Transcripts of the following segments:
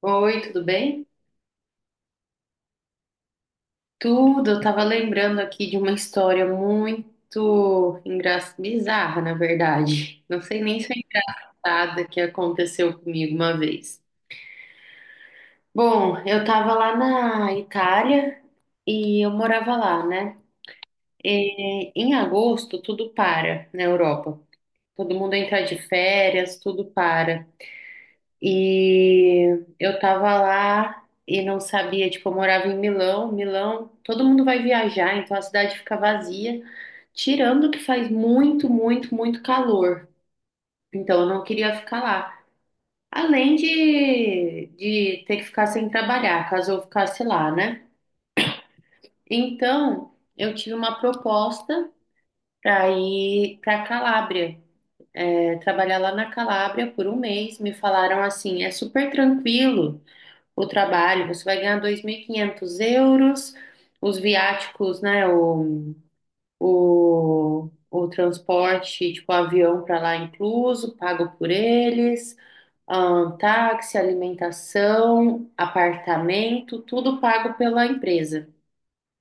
Oi, tudo bem? Tudo, eu tava lembrando aqui de uma história muito bizarra, na verdade. Não sei nem se é engraçada que aconteceu comigo uma vez. Bom, eu tava lá na Itália e eu morava lá, né? E em agosto tudo para na Europa. Todo mundo entra de férias, tudo para. E eu tava lá e não sabia, tipo, eu morava em Milão. Milão, todo mundo vai viajar, então a cidade fica vazia, tirando que faz muito, muito, muito calor. Então eu não queria ficar lá. Além de ter que ficar sem trabalhar, caso eu ficasse lá, né? Então eu tive uma proposta para ir para Calábria, é, trabalhar lá na Calábria por um mês. Me falaram assim: é super tranquilo. O trabalho, você vai ganhar 2.500 euros, os viáticos, né, o transporte, tipo, avião para lá incluso, pago por eles, táxi, alimentação, apartamento, tudo pago pela empresa.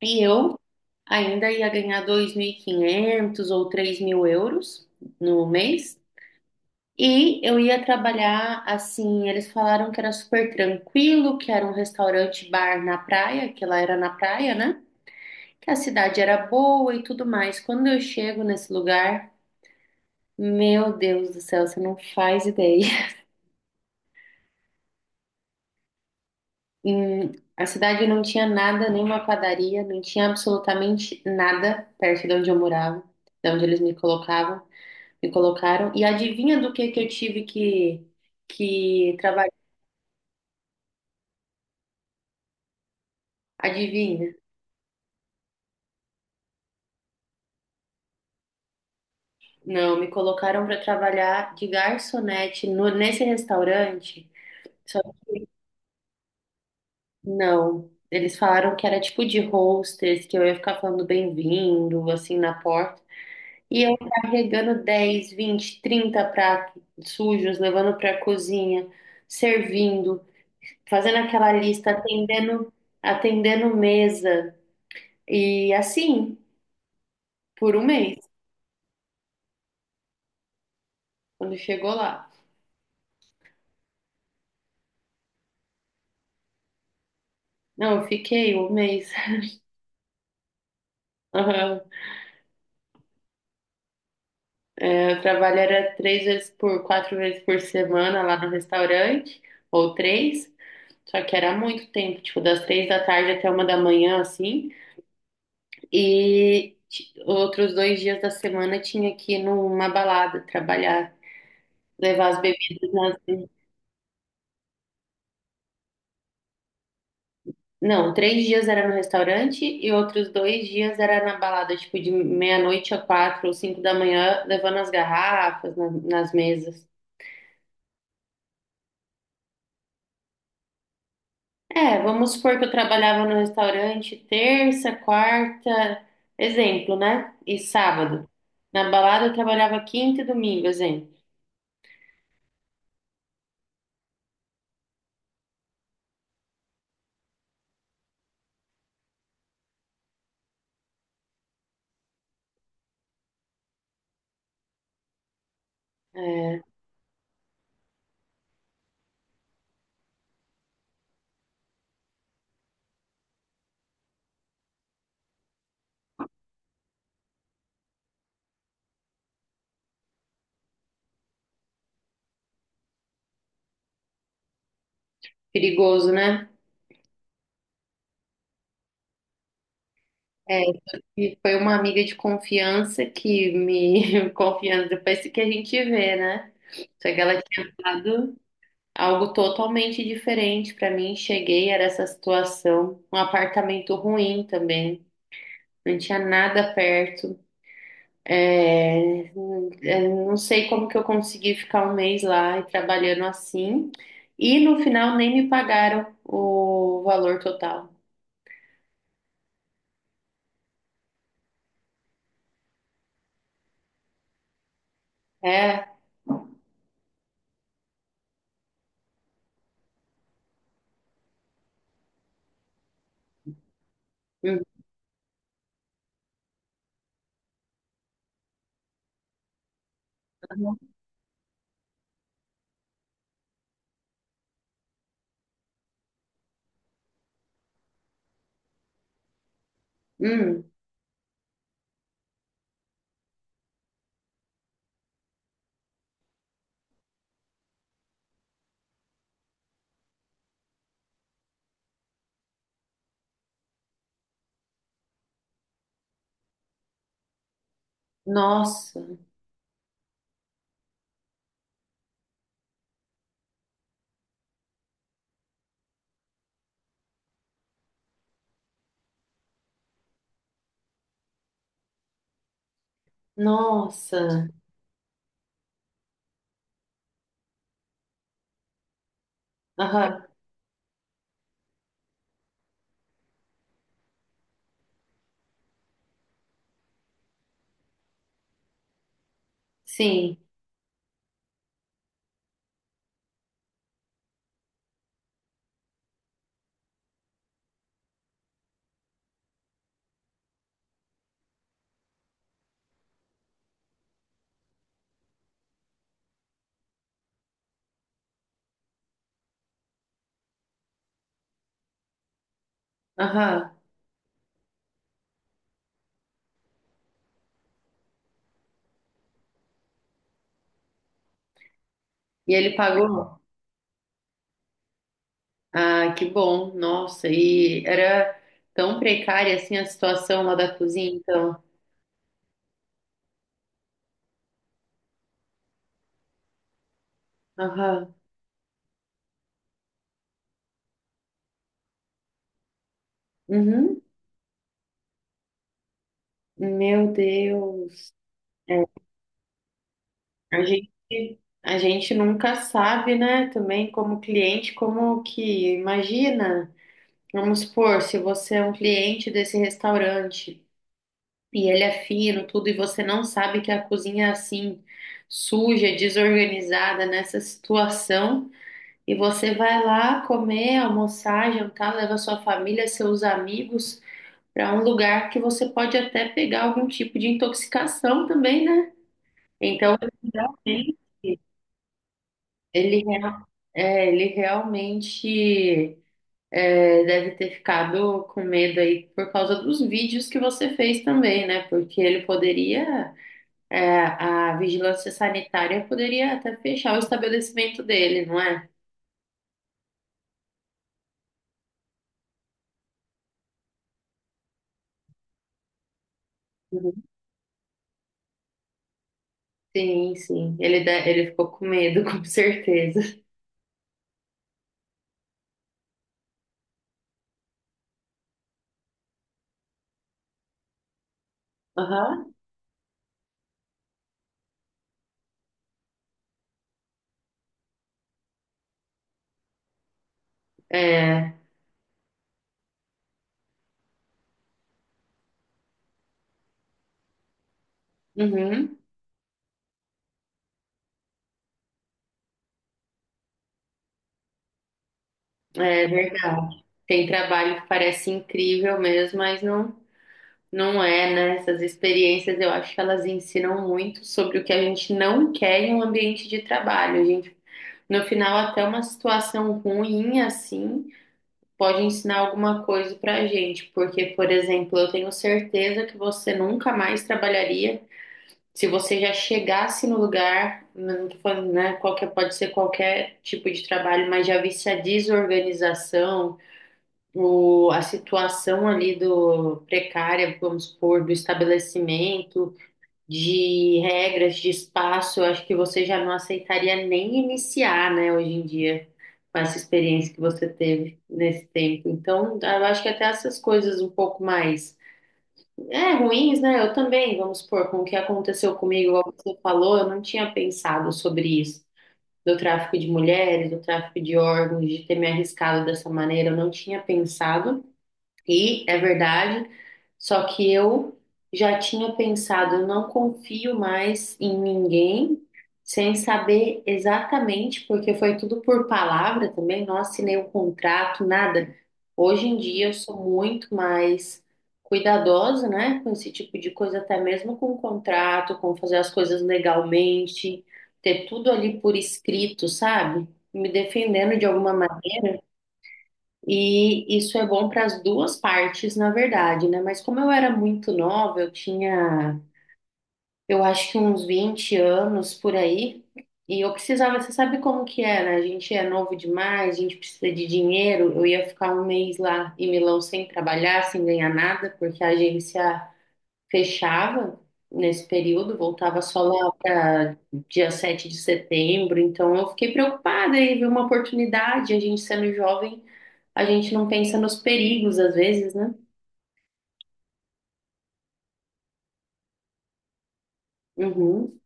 E eu ainda ia ganhar 2.500 ou 3.000 euros no mês. E eu ia trabalhar assim. Eles falaram que era super tranquilo, que era um restaurante bar na praia, que lá era na praia, né? Que a cidade era boa e tudo mais. Quando eu chego nesse lugar, meu Deus do céu, você não faz ideia. A cidade não tinha nada, nenhuma padaria, não tinha absolutamente nada perto de onde eu morava, de onde eles me colocavam, me colocaram. E adivinha do que eu tive que trabalhar? Adivinha? Não, me colocaram para trabalhar de garçonete nesse restaurante. Só que não. Eles falaram que era tipo de hostess, que eu ia ficar falando bem-vindo, assim, na porta. E eu carregando 10, 20, 30 pratos sujos, levando para a cozinha, servindo, fazendo aquela lista, atendendo, atendendo mesa. E assim, por um mês, quando chegou lá. Não, eu fiquei um mês. Eu trabalho era 3 vezes por, 4 vezes por semana lá no restaurante, ou três, só que era muito tempo, tipo, das 3 da tarde até 1 da manhã, assim, e outros dois dias da semana tinha que ir numa balada, trabalhar, levar as bebidas nas... Não, três dias era no restaurante e outros dois dias era na balada, tipo, de meia-noite a 4 ou 5 da manhã, levando as garrafas nas mesas. É, vamos supor que eu trabalhava no restaurante terça, quarta, exemplo, né? E sábado. Na balada eu trabalhava quinta e domingo, exemplo. É, perigoso, né? É, e foi uma amiga de confiança que me confiança depois que a gente vê, né? Só que ela tinha dado algo totalmente diferente pra mim. Cheguei, era essa situação, um apartamento ruim também, não tinha nada perto. É, eu não sei como que eu consegui ficar um mês lá e trabalhando assim. E no final nem me pagaram o valor total. É. Uhum. Hum. Nossa, nossa. Aham, sim. Aham. E ele pagou? Ah, que bom. Nossa, e era tão precária assim a situação lá da cozinha, então. Aham. Uhum. Meu Deus. A gente nunca sabe, né? Também como cliente, como que imagina. Vamos supor, se você é um cliente desse restaurante e ele é fino, tudo, e você não sabe que a cozinha é assim, suja, desorganizada nessa situação, e você vai lá comer, almoçar, jantar, leva sua família, seus amigos para um lugar que você pode até pegar algum tipo de intoxicação também, né? Então, realmente. Ele, é, ele realmente é, deve ter ficado com medo aí por causa dos vídeos que você fez também, né? Porque ele poderia, é, a vigilância sanitária poderia até fechar o estabelecimento dele, não é? Uhum. Sim, sim. Ele, ele ficou com medo, com certeza. Aham. É, uhum, é verdade. Tem trabalho que parece incrível mesmo, mas não. Não é, né? Essas experiências eu acho que elas ensinam muito sobre o que a gente não quer em um ambiente de trabalho. A gente, no final, até uma situação ruim assim pode ensinar alguma coisa pra gente. Porque, por exemplo, eu tenho certeza que você nunca mais trabalharia se você já chegasse no lugar, não tô falando, né? Qualquer, pode ser qualquer tipo de trabalho, mas já visse a desorganização a situação ali do precária, vamos supor, do estabelecimento, de regras, de espaço, eu acho que você já não aceitaria nem iniciar, né, hoje em dia, com essa experiência que você teve nesse tempo. Então, eu acho que até essas coisas um pouco mais, é, ruins, né? Eu também, vamos supor, com o que aconteceu comigo, igual você falou, eu não tinha pensado sobre isso. Do tráfico de mulheres, do tráfico de órgãos, de ter me arriscado dessa maneira, eu não tinha pensado. E é verdade, só que eu já tinha pensado, eu não confio mais em ninguém sem saber exatamente, porque foi tudo por palavra também, não assinei o contrato, nada. Hoje em dia eu sou muito mais cuidadosa, né, com esse tipo de coisa, até mesmo com o contrato, com fazer as coisas legalmente, ter tudo ali por escrito, sabe? Me defendendo de alguma maneira. E isso é bom para as duas partes, na verdade, né? Mas como eu era muito nova, eu tinha, eu acho que uns 20 anos por aí, e eu precisava, você sabe como que é, né? A gente é novo demais, a gente precisa de dinheiro. Eu ia ficar um mês lá em Milão sem trabalhar, sem ganhar nada, porque a agência fechava nesse período, voltava só lá para dia 7 de setembro. Então eu fiquei preocupada e vi uma oportunidade, a gente sendo jovem a gente não pensa nos perigos às vezes, né? Uhum.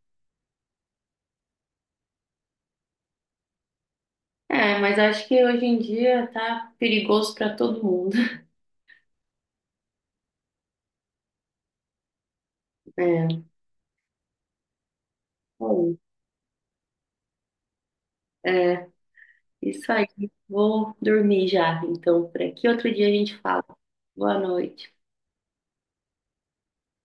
É, mas acho que hoje em dia tá perigoso pra todo mundo. É, bom, é, isso aí. Vou dormir já, então, por aqui. Outro dia a gente fala. Boa noite.